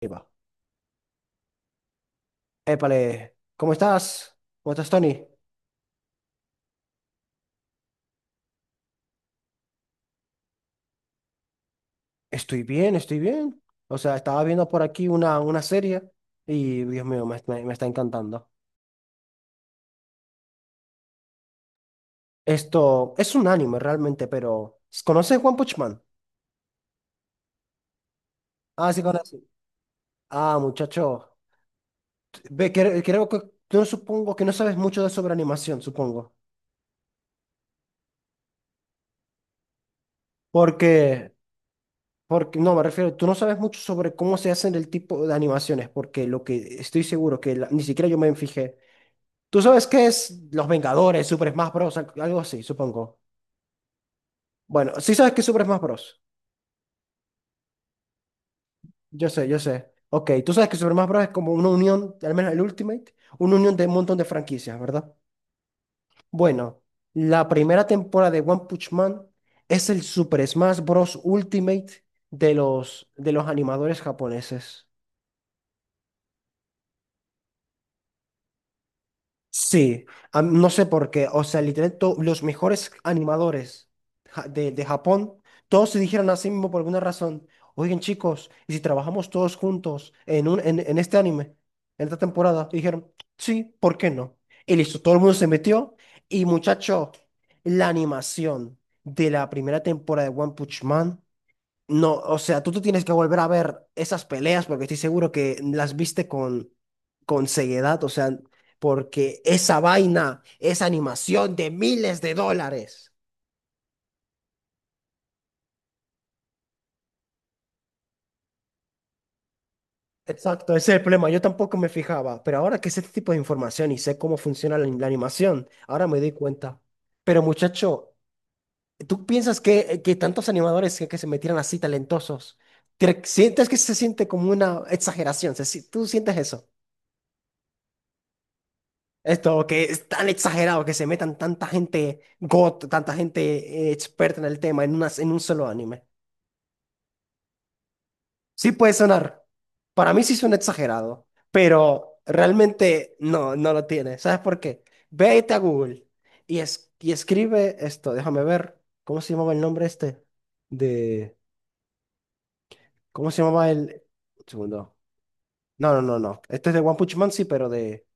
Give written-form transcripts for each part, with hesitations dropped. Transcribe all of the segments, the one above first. Ahí va. Épale, ¿cómo estás? ¿Cómo estás, Tony? Estoy bien, estoy bien. O sea, estaba viendo por aquí una serie y, Dios mío, me está encantando. Esto es un anime realmente, pero ¿conoces One Punch Man? Ah, sí, conoces. Ah, muchacho. Ve, creo que tú no supongo que no sabes mucho de sobre animación, supongo. Porque, porque, no, me refiero, tú no sabes mucho sobre cómo se hacen el tipo de animaciones, porque lo que estoy seguro que ni siquiera yo me fijé. ¿Tú sabes qué es Los Vengadores, Super Smash Bros? Algo así, supongo. Bueno, sí sabes qué es Super Smash Bros. Yo sé, yo sé. Ok, tú sabes que Super Smash Bros es como una unión, al menos el Ultimate, una unión de un montón de franquicias, ¿verdad? Bueno, la primera temporada de One Punch Man es el Super Smash Bros. Ultimate de los animadores japoneses. Sí, no sé por qué. O sea, literalmente los mejores animadores de Japón, todos se dijeron así mismo por alguna razón. Oigan, chicos, ¿y si trabajamos todos juntos en este anime, en esta temporada? Y dijeron, sí, ¿por qué no? Y listo, todo el mundo se metió. Y muchacho, la animación de la primera temporada de One Punch Man. No, o sea, tú te tienes que volver a ver esas peleas porque estoy seguro que las viste con ceguedad, o sea, porque esa vaina es animación de miles de dólares. Exacto, ese es el problema. Yo tampoco me fijaba, pero ahora que sé este tipo de información y sé cómo funciona la animación, ahora me doy cuenta. Pero muchacho, ¿tú piensas que tantos animadores que se metieran así talentosos, sientes que se siente como una exageración? Se si- ¿Tú sientes eso? Esto que es tan exagerado que se metan tanta gente experta en el tema en en un solo anime. Sí puede sonar. Para mí sí suena exagerado, pero realmente no, no lo tiene. ¿Sabes por qué? Vete a Google y, y escribe esto. Déjame ver. ¿Cómo se llamaba el nombre este? De. ¿Cómo se llamaba el? Un segundo. No, no, no, no. Este es de One Punch Man, sí, pero de.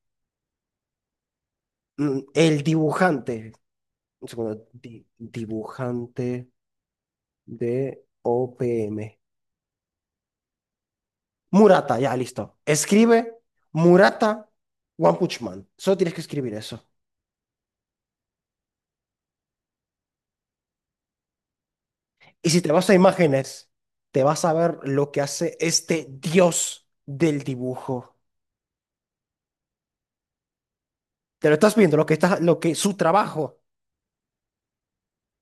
El dibujante. Un segundo. Dibujante. D-O-P-M. Murata, ya, listo. Escribe Murata One Punch Man. Solo tienes que escribir eso. Y si te vas a imágenes, te vas a ver lo que hace este dios del dibujo. Te lo estás viendo, lo que está, lo que su trabajo.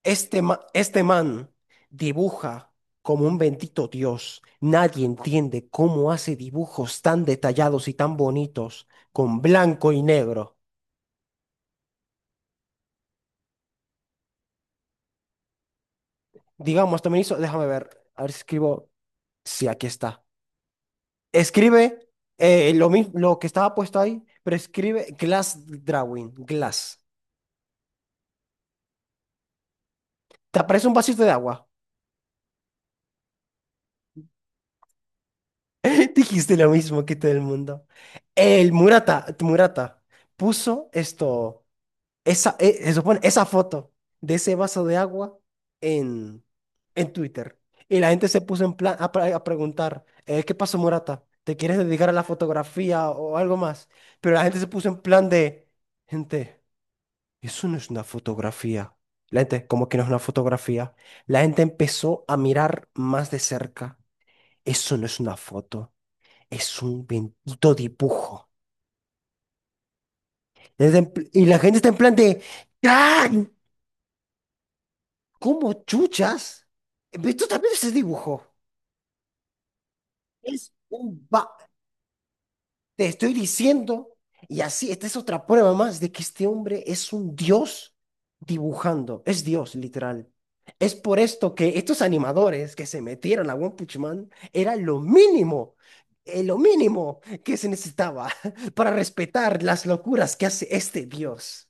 Este, este man dibuja como un bendito dios. Nadie entiende cómo hace dibujos tan detallados y tan bonitos con blanco y negro. Digamos, también hizo, déjame ver, a ver si escribo. Sí, aquí está. Escribe lo mismo, lo que estaba puesto ahí, pero escribe glass drawing, glass. Te aparece un vasito de agua. Dijiste lo mismo que todo el mundo. El Murata puso esto, esa, se supone, esa foto de ese vaso de agua en, en Twitter. Y la gente se puso en plan a preguntar, ¿qué pasó, Murata? ¿Te quieres dedicar a la fotografía o algo más? Pero la gente se puso en plan de, gente. Eso no es una fotografía. La gente, ¿cómo que no es una fotografía? La gente empezó a mirar más de cerca. Eso no es una foto, es un bendito dibujo. La gente en pl- Y la gente está en plan de, ¡ay! ¿Cómo chuchas? Esto también es dibujo. Es un ba- Te estoy diciendo, y así, esta es otra prueba más de que este hombre es un dios dibujando, es dios literal. Es por esto que estos animadores que se metieron a One Punch Man era lo mínimo que se necesitaba para respetar las locuras que hace este dios.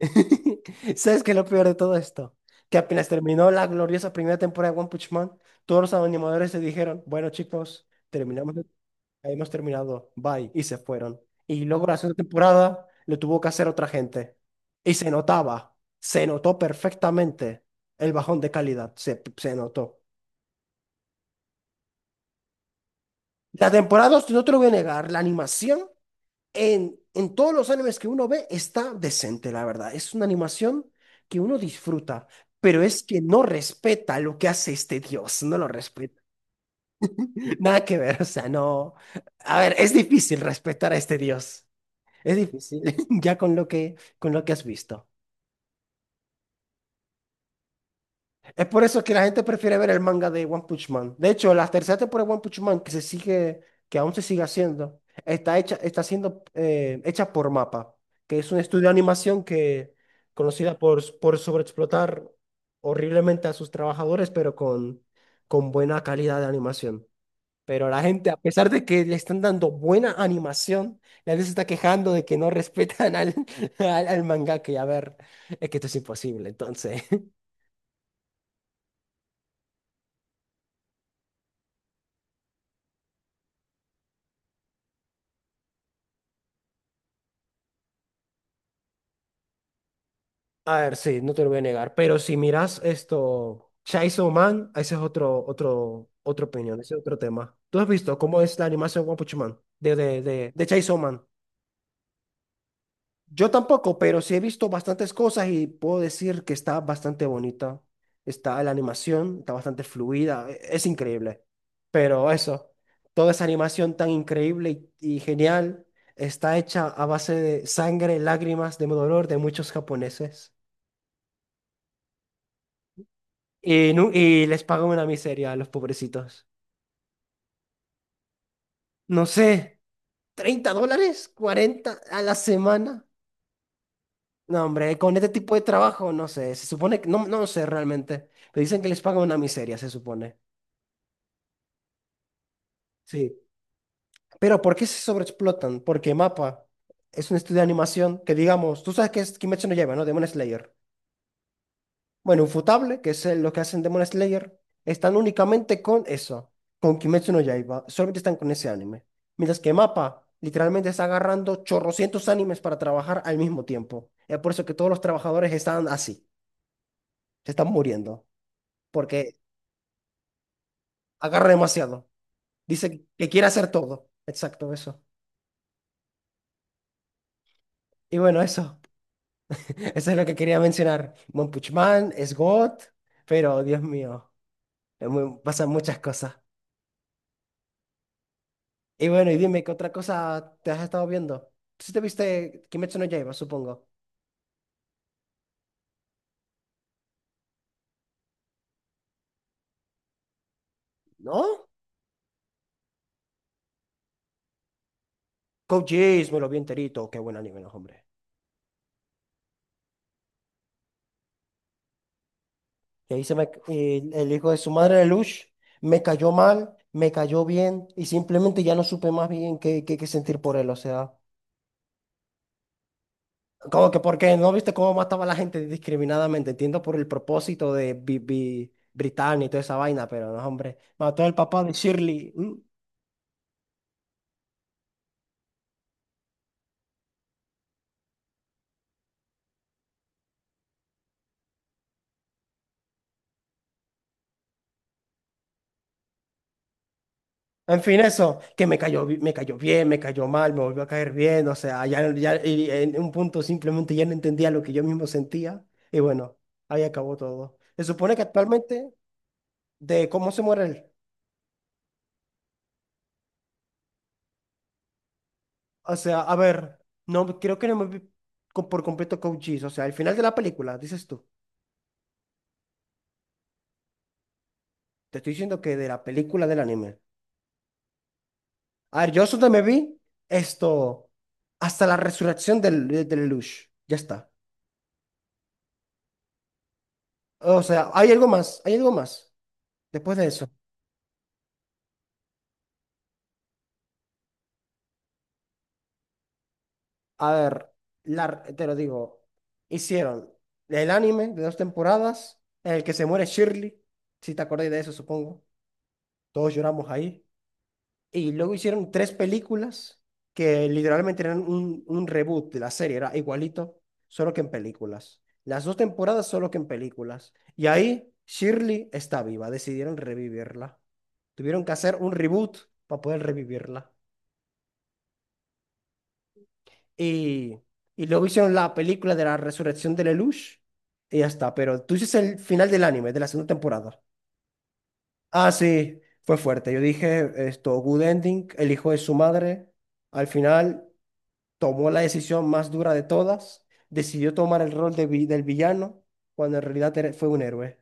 ¿Sabes qué es lo peor de todo esto? Que apenas terminó la gloriosa primera temporada de One Punch Man, todos los animadores se dijeron, bueno chicos, terminamos, hemos terminado, bye, y se fueron. Y luego la segunda temporada lo tuvo que hacer otra gente. Y se notaba, se notó perfectamente el bajón de calidad, se notó. La temporada, dos, no te lo voy a negar, la animación. En todos los animes que uno ve está decente, la verdad. Es una animación que uno disfruta, pero es que no respeta lo que hace este dios, no lo respeta. Nada que ver, o sea, no. A ver, es difícil respetar a este dios. Es difícil, ya con lo que has visto. Es por eso que la gente prefiere ver el manga de One Punch Man. De hecho, la tercera temporada de One Punch Man, que aún se sigue haciendo, está hecha, está siendo hecha por MAPPA, que es un estudio de animación que conocida por sobreexplotar horriblemente a sus trabajadores, pero con buena calidad de animación. Pero la gente, a pesar de que le están dando buena animación, la gente se está quejando de que no respetan al mangaka. Y a ver, es que esto es imposible, entonces. A ver, sí, no te lo voy a negar, pero si miras esto, Chainsaw Man, ese es otra opinión, ese es otro tema. ¿Tú has visto cómo es la animación One Punch Man? De Chainsaw Man. Yo tampoco, pero sí he visto bastantes cosas y puedo decir que está bastante bonita. Está la animación, está bastante fluida, es increíble. Pero eso, toda esa animación tan increíble y genial está hecha a base de sangre, lágrimas, de dolor de muchos japoneses. Y les pagan una miseria a los pobrecitos. No sé, $30, 40 a la semana. No, hombre, con este tipo de trabajo, no sé, se supone que, no, no sé realmente, pero dicen que les pagan una miseria, se supone. Sí, pero ¿por qué se sobreexplotan? Porque MAPPA es un estudio de animación que, digamos, tú sabes que es Kimetsu no Yaiba, ¿no? Demon Slayer. Bueno, Ufotable, que es los que hacen Demon Slayer, están únicamente con eso, con Kimetsu no Yaiba. Solamente están con ese anime. Mientras que MAPPA literalmente está agarrando chorrocientos animes para trabajar al mismo tiempo. Es por eso que todos los trabajadores están así, se están muriendo, porque agarra demasiado. Dice que quiere hacer todo. Exacto, eso. Y bueno, eso. Eso es lo que quería mencionar. One Punch Man es God, pero Dios mío, pasan muchas cosas. Y bueno, y dime, ¿qué otra cosa te has estado viendo? Si te viste Kimetsu no Yaiba, supongo. ¿No? Code Geass, me lo vi enterito. Qué buen anime, no, hombre. Y ahí se me... y el hijo de su madre, de Lush, me cayó mal, me cayó bien, y simplemente ya no supe más bien qué sentir por él. O sea, como que porque no viste cómo mataba a la gente discriminadamente. Entiendo por el propósito de Britannia y toda esa vaina, pero no, hombre. Mató al papá de Shirley. En fin, eso, que me cayó bien, me cayó mal, me volvió a caer bien, o sea, ya, ya y en un punto simplemente ya no entendía lo que yo mismo sentía y bueno, ahí acabó todo. Se supone que actualmente de cómo se muere él, o sea, a ver, no, creo que no me vi por completo Cochise, o sea, al final de la película, dices tú, te estoy diciendo que de la película del anime. A ver, yo solo me vi esto, hasta la resurrección del Lelouch, ya está. O sea, hay algo más después de eso. A ver, te lo digo. Hicieron el anime de dos temporadas en el que se muere Shirley, si te acordás de eso, supongo. Todos lloramos ahí. Y luego hicieron tres películas que literalmente eran un reboot de la serie, era igualito, solo que en películas. Las dos temporadas solo que en películas. Y ahí Shirley está viva, decidieron revivirla. Tuvieron que hacer un reboot para poder revivirla. Y, y luego hicieron la película de la resurrección de Lelouch y ya está. Pero tú dices el final del anime, de la segunda temporada. Ah, sí, fue fuerte. Yo dije esto, good ending, el hijo de su madre, al final tomó la decisión más dura de todas, decidió tomar el rol de del villano, cuando en realidad fue un héroe.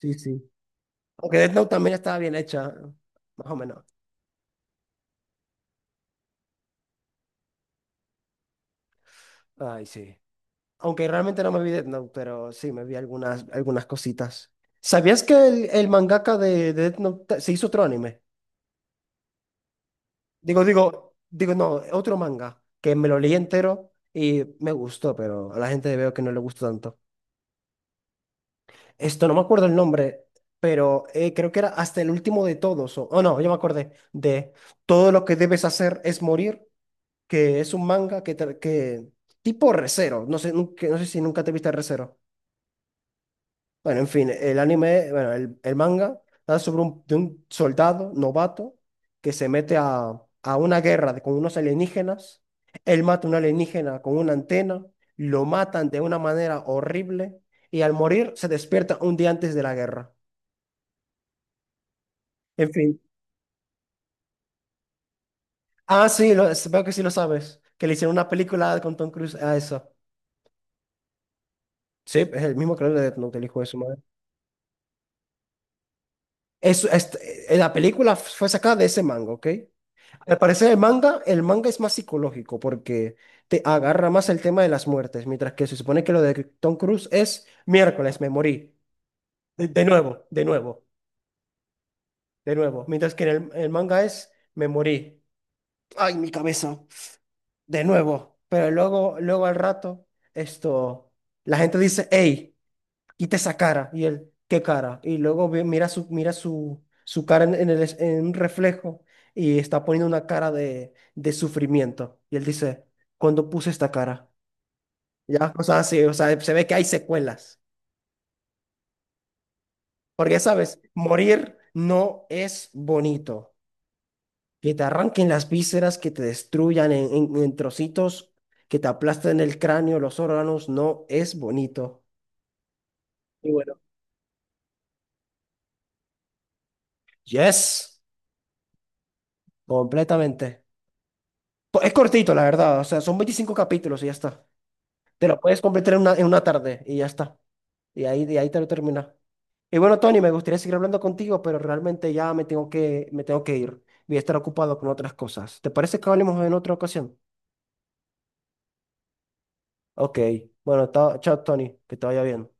Sí, sí. Aunque Death Note también estaba bien hecha, más o menos. Ay, sí. Aunque realmente no me vi Death Note, pero sí me vi algunas cositas. ¿Sabías que el mangaka de Death Note se hizo otro anime? No, otro manga que me lo leí entero y me gustó, pero a la gente veo que no le gustó tanto. Esto no me acuerdo el nombre, pero creo que era hasta el último de todos. Oh, no, yo me acordé de Todo lo que debes hacer es morir, que es un manga que tipo recero. No sé, no sé si nunca te viste recero. Bueno, en fin, el anime, bueno, el manga trata sobre de un soldado novato que se mete a una guerra con unos alienígenas. Él mata a un alienígena con una antena, lo matan de una manera horrible y al morir se despierta un día antes de la guerra. En fin. Ah, sí, veo que sí lo sabes, que le hicieron una película con Tom Cruise a eso. Sí, es el mismo creador de Death Note, el hijo de su madre. Es, es- la película fue sacada de ese manga, ¿ok? Al parecer el manga es más psicológico porque te agarra más el tema de las muertes, mientras que se supone que lo de Tom Cruise es miércoles, me morí. De, de nuevo, de nuevo, de nuevo. Mientras que en el manga es me morí. Ay, mi cabeza. De nuevo. Pero luego al rato, esto, la gente dice, hey. Quita esa cara. Y él, ¿qué cara? Y luego mira mira su cara en un reflejo y está poniendo una cara de sufrimiento. Y él dice, ¿cuándo puse esta cara? Ya, o sea, sí, o sea, se ve que hay secuelas. Porque ya sabes, morir no es bonito. Que te arranquen las vísceras, que te destruyan en trocitos, que te aplasten el cráneo, los órganos, no es bonito. Y bueno, yes, completamente. Es cortito, la verdad. O sea, son 25 capítulos y ya está. Te lo puedes completar en en una tarde y ya está. Y ahí, de ahí te lo terminas. Y bueno, Tony, me gustaría seguir hablando contigo, pero realmente ya me tengo me tengo que ir. Voy a estar ocupado con otras cosas. ¿Te parece que hablemos en otra ocasión? Ok. Bueno, chao, Tony. Que te vaya bien.